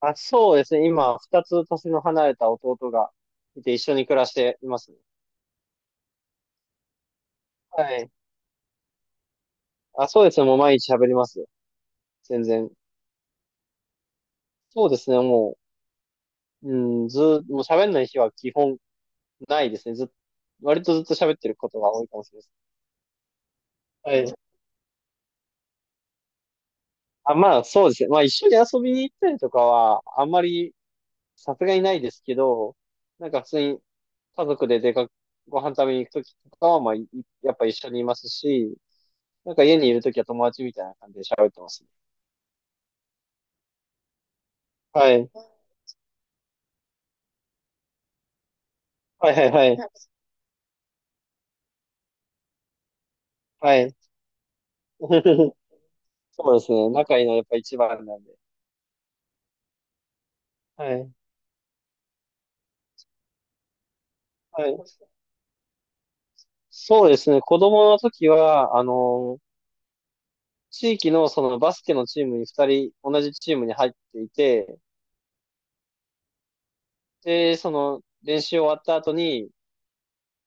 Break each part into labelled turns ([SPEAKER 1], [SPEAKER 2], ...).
[SPEAKER 1] あ、そうですね。今、二つ年の離れた弟がいて一緒に暮らしていますね。はい。あ、そうですね。もう毎日喋りますよ。全然。そうですね。もう、うん、ずー、もう喋んない日は基本ないですね。ずっ、割とずっと喋ってることが多いかもしれないです。はい。あ、まあ、そうですね。まあ、一緒に遊びに行ったりとかは、あんまり、さすがにないですけど、なんか普通に家族で出かけ、ご飯食べに行くときとかは、まあ、いやっぱ一緒にいますし、なんか家にいるときは友達みたいな感じで喋ってますね。はい。はいはいはい。はい。そうですね。仲いいのはやっぱ一番なんで。はい。はい。そうですね。子供の時は、あの、地域のそのバスケのチームに二人、同じチームに入っていて、で、その練習終わった後に、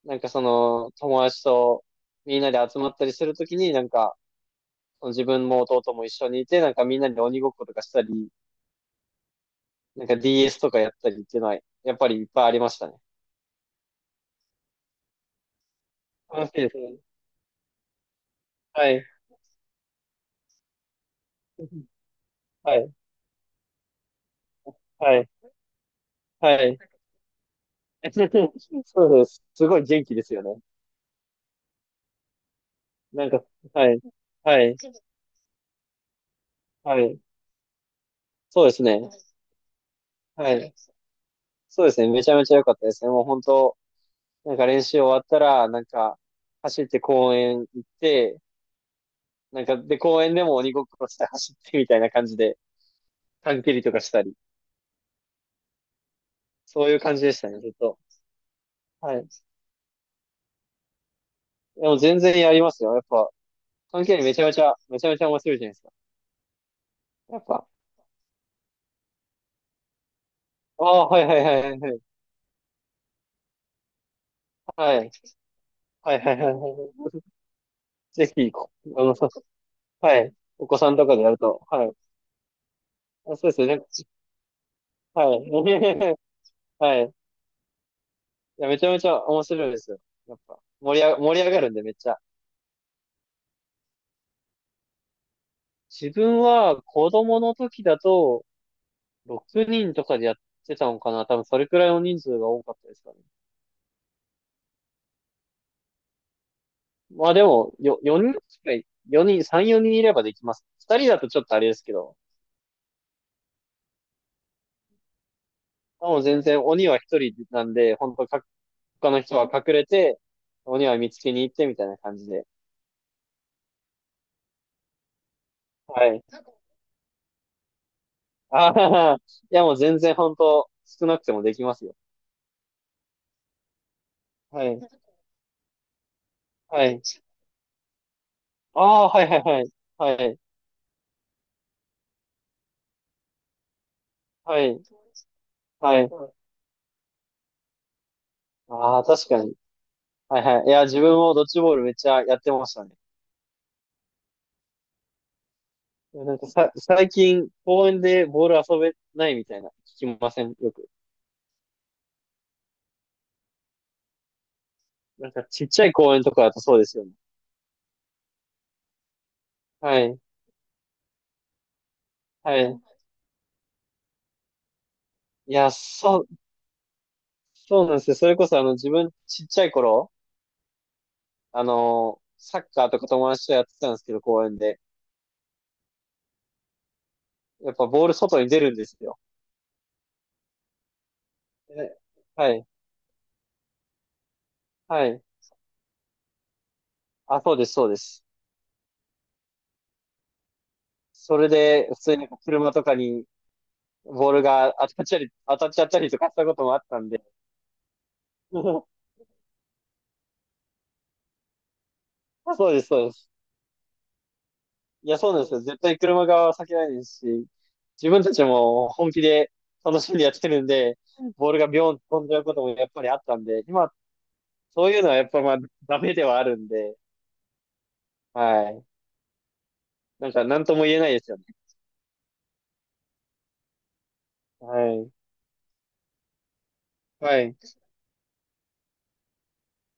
[SPEAKER 1] なんかその友達とみんなで集まったりするときに、なんか、その自分も弟も一緒にいて、なんかみんなで鬼ごっことかしたり、なんか DS とかやったりっていうのは、やっぱりいっぱいありましたね。楽しいですね。はい。はい。はい。はい。そうです。すごい元気ですよね。なんか、はい。はい。はい。そうですね。はい。そうですね。めちゃめちゃ良かったですね。もう本当、なんか練習終わったら、なんか、走って公園行って、なんか、で、公園でも鬼ごっこして走ってみたいな感じで、短距離とかしたり、そういう感じでしたね、ずっと。はい。でも全然やりますよ。やっぱ、短距離めちゃめちゃ、めちゃめちゃ面白いじゃないですか。やっぱ。ああ、はいはいはいはいはい。はい。はいはいはいはい。ぜひ、こあの、さはい。お子さんとかでやると、はい。あ、そうですよね。はい。はい。いや、めちゃめちゃ面白いですよ。やっぱ、盛り上がるんで、めっちゃ。自分は子供の時だと、6人とかでやってたのかな。多分それくらいの人数が多かったですかね。まあでも、4人くらい、4人、3、4人いればできます。2人だとちょっとあれですけど、もう全然鬼は1人なんで、本当か、他の人は隠れて、鬼は見つけに行ってみたいな感じで。はい。ああ、いやもう全然本当少なくてもできますよ。はい。はい。ああ、はいはいはい。はい。はい。はい。ああ、確かに。はいはい。いや、自分もドッジボールめっちゃやってましたね。いやなんかさ、最近公園でボール遊べないみたいな聞きません、よく。なんかちっちゃい公園とかだとそうですよね。はい。はい。いや、そう、そうなんですよ。それこそあの自分ちっちゃい頃、あのサッカーとか友達とやってたんですけど、公園で。やっぱボール外に出るんですよ。えはい、はい。あ、そうです、そうです。それで、普通に車とかにボールが当たっちゃり、当たっちゃったりとかしたこともあったんで。そうです、そうです。いや、そうなんですよ。絶対車側は避けないですし、自分たちも本気で楽しんでやってるんで、ボールがビョンと飛んじゃうこともやっぱりあったんで、今、そういうのはやっぱまあ、ダメではあるんで、はい。なんか、なんとも言えないですよね。はい。はい。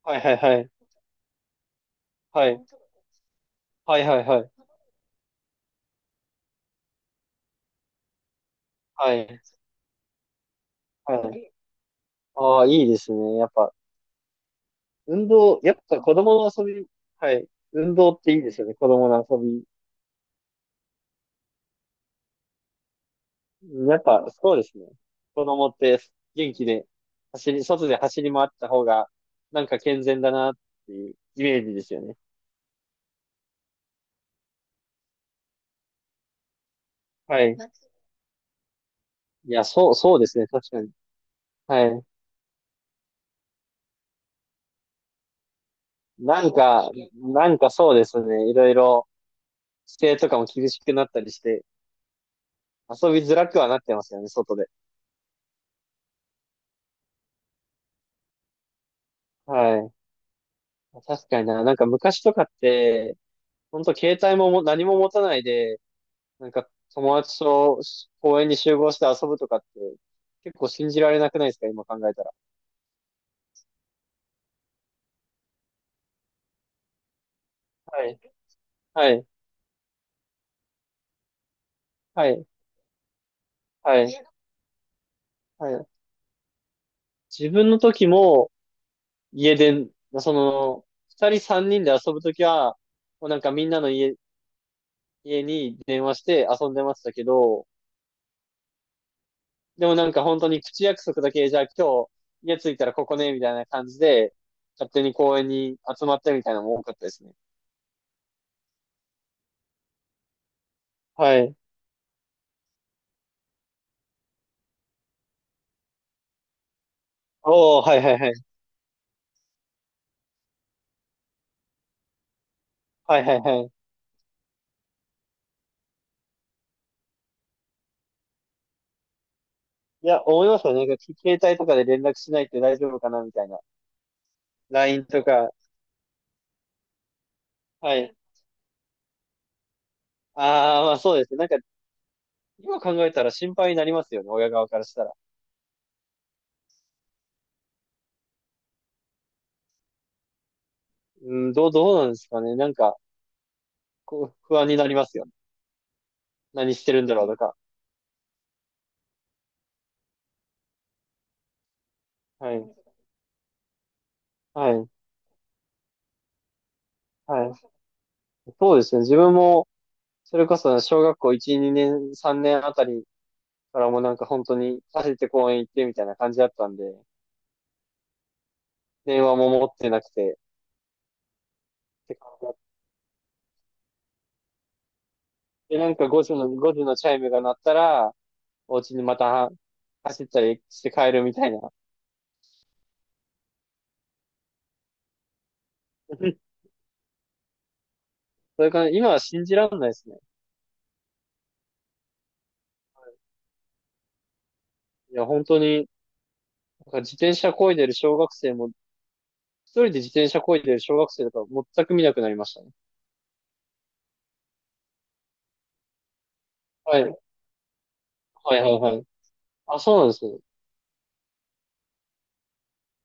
[SPEAKER 1] はい、はい、はい。はい。はい、はい、はい。はい。はいああ、いいですね。やっぱ子供の遊び、はい。運動っていいですよね。子供の遊び。やっぱ、そうですね。子供って元気で、外で走り回った方が、なんか健全だなっていうイメージですよね。はい。いや、そう、そうですね。確かに。はい。なんか、なんかそうですね。いろいろ、規制とかも厳しくなったりして、遊びづらくはなってますよね、外で。はい。確かにな。なんか昔とかって、本当携帯も何も持たないで、なんか友達と公園に集合して遊ぶとかって、結構信じられなくないですか今考えたら。はい。はい。はい。はい。はい。自分の時も家で、その、二人三人で遊ぶ時は、もうなんかみんなの家、家に電話して遊んでましたけど、でもなんか本当に口約束だけ、じゃあ今日家着いたらここね、みたいな感じで、勝手に公園に集まってみたいなのも多かったですね。はい。おー、はいはいはい。はいはいはい。いや、思いますよね。なんか携帯とかで連絡しないって大丈夫かなみたいな。LINE とか。はい。ああ、まあそうですね。なんか、今考えたら心配になりますよね。親側からしたら。どうなんですかね。なんか、こう、不安になりますよね。何してるんだろうとか。はい。はい。はい。そうですね。自分も、それこそ小学校1、2年、3年あたりからもなんか本当に走って公園行ってみたいな感じだったんで、電話も持ってなくて。って感じだったで、なんか5時のチャイムが鳴ったら、お家にまた走ったりして帰るみたいな。それから今は信じらんないですね。いや、本当に、なんか自転車漕いでる小学生も、一人で自転車漕いでる小学生とか全く見なくなりましたね。はい。はいはいはい。あ、そうなんですね。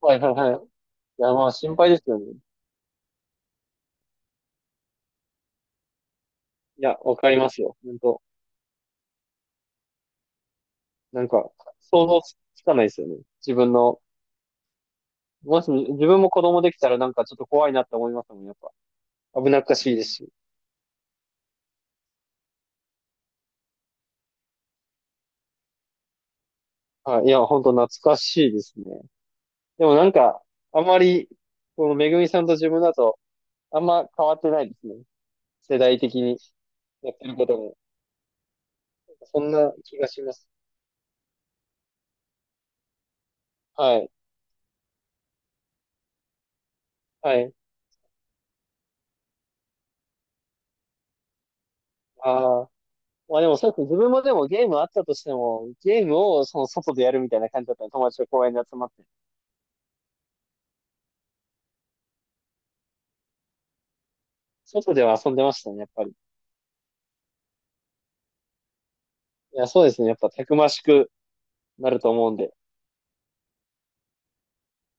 [SPEAKER 1] はいはいはい。いや、まあ心配ですよね。いや、わかりますよ。本当。なんか、想像つかないですよね。自分の、もし自分も子供できたらなんかちょっと怖いなって思いますもん、やっぱ。危なっかしいですし。はい。いや、本当懐かしいですね。でもなんか、あんまり、このめぐみさんと自分だと、あんま変わってないですね。世代的にやってることも。そんな気がします。はい。はい。ああ。まあでもそうですね。自分もでもゲームあったとしても、ゲームをその外でやるみたいな感じだったの。友達と公園で集まって。外では遊んでましたね、やっぱり。いや、そうですね。やっぱたくましくなると思うんで。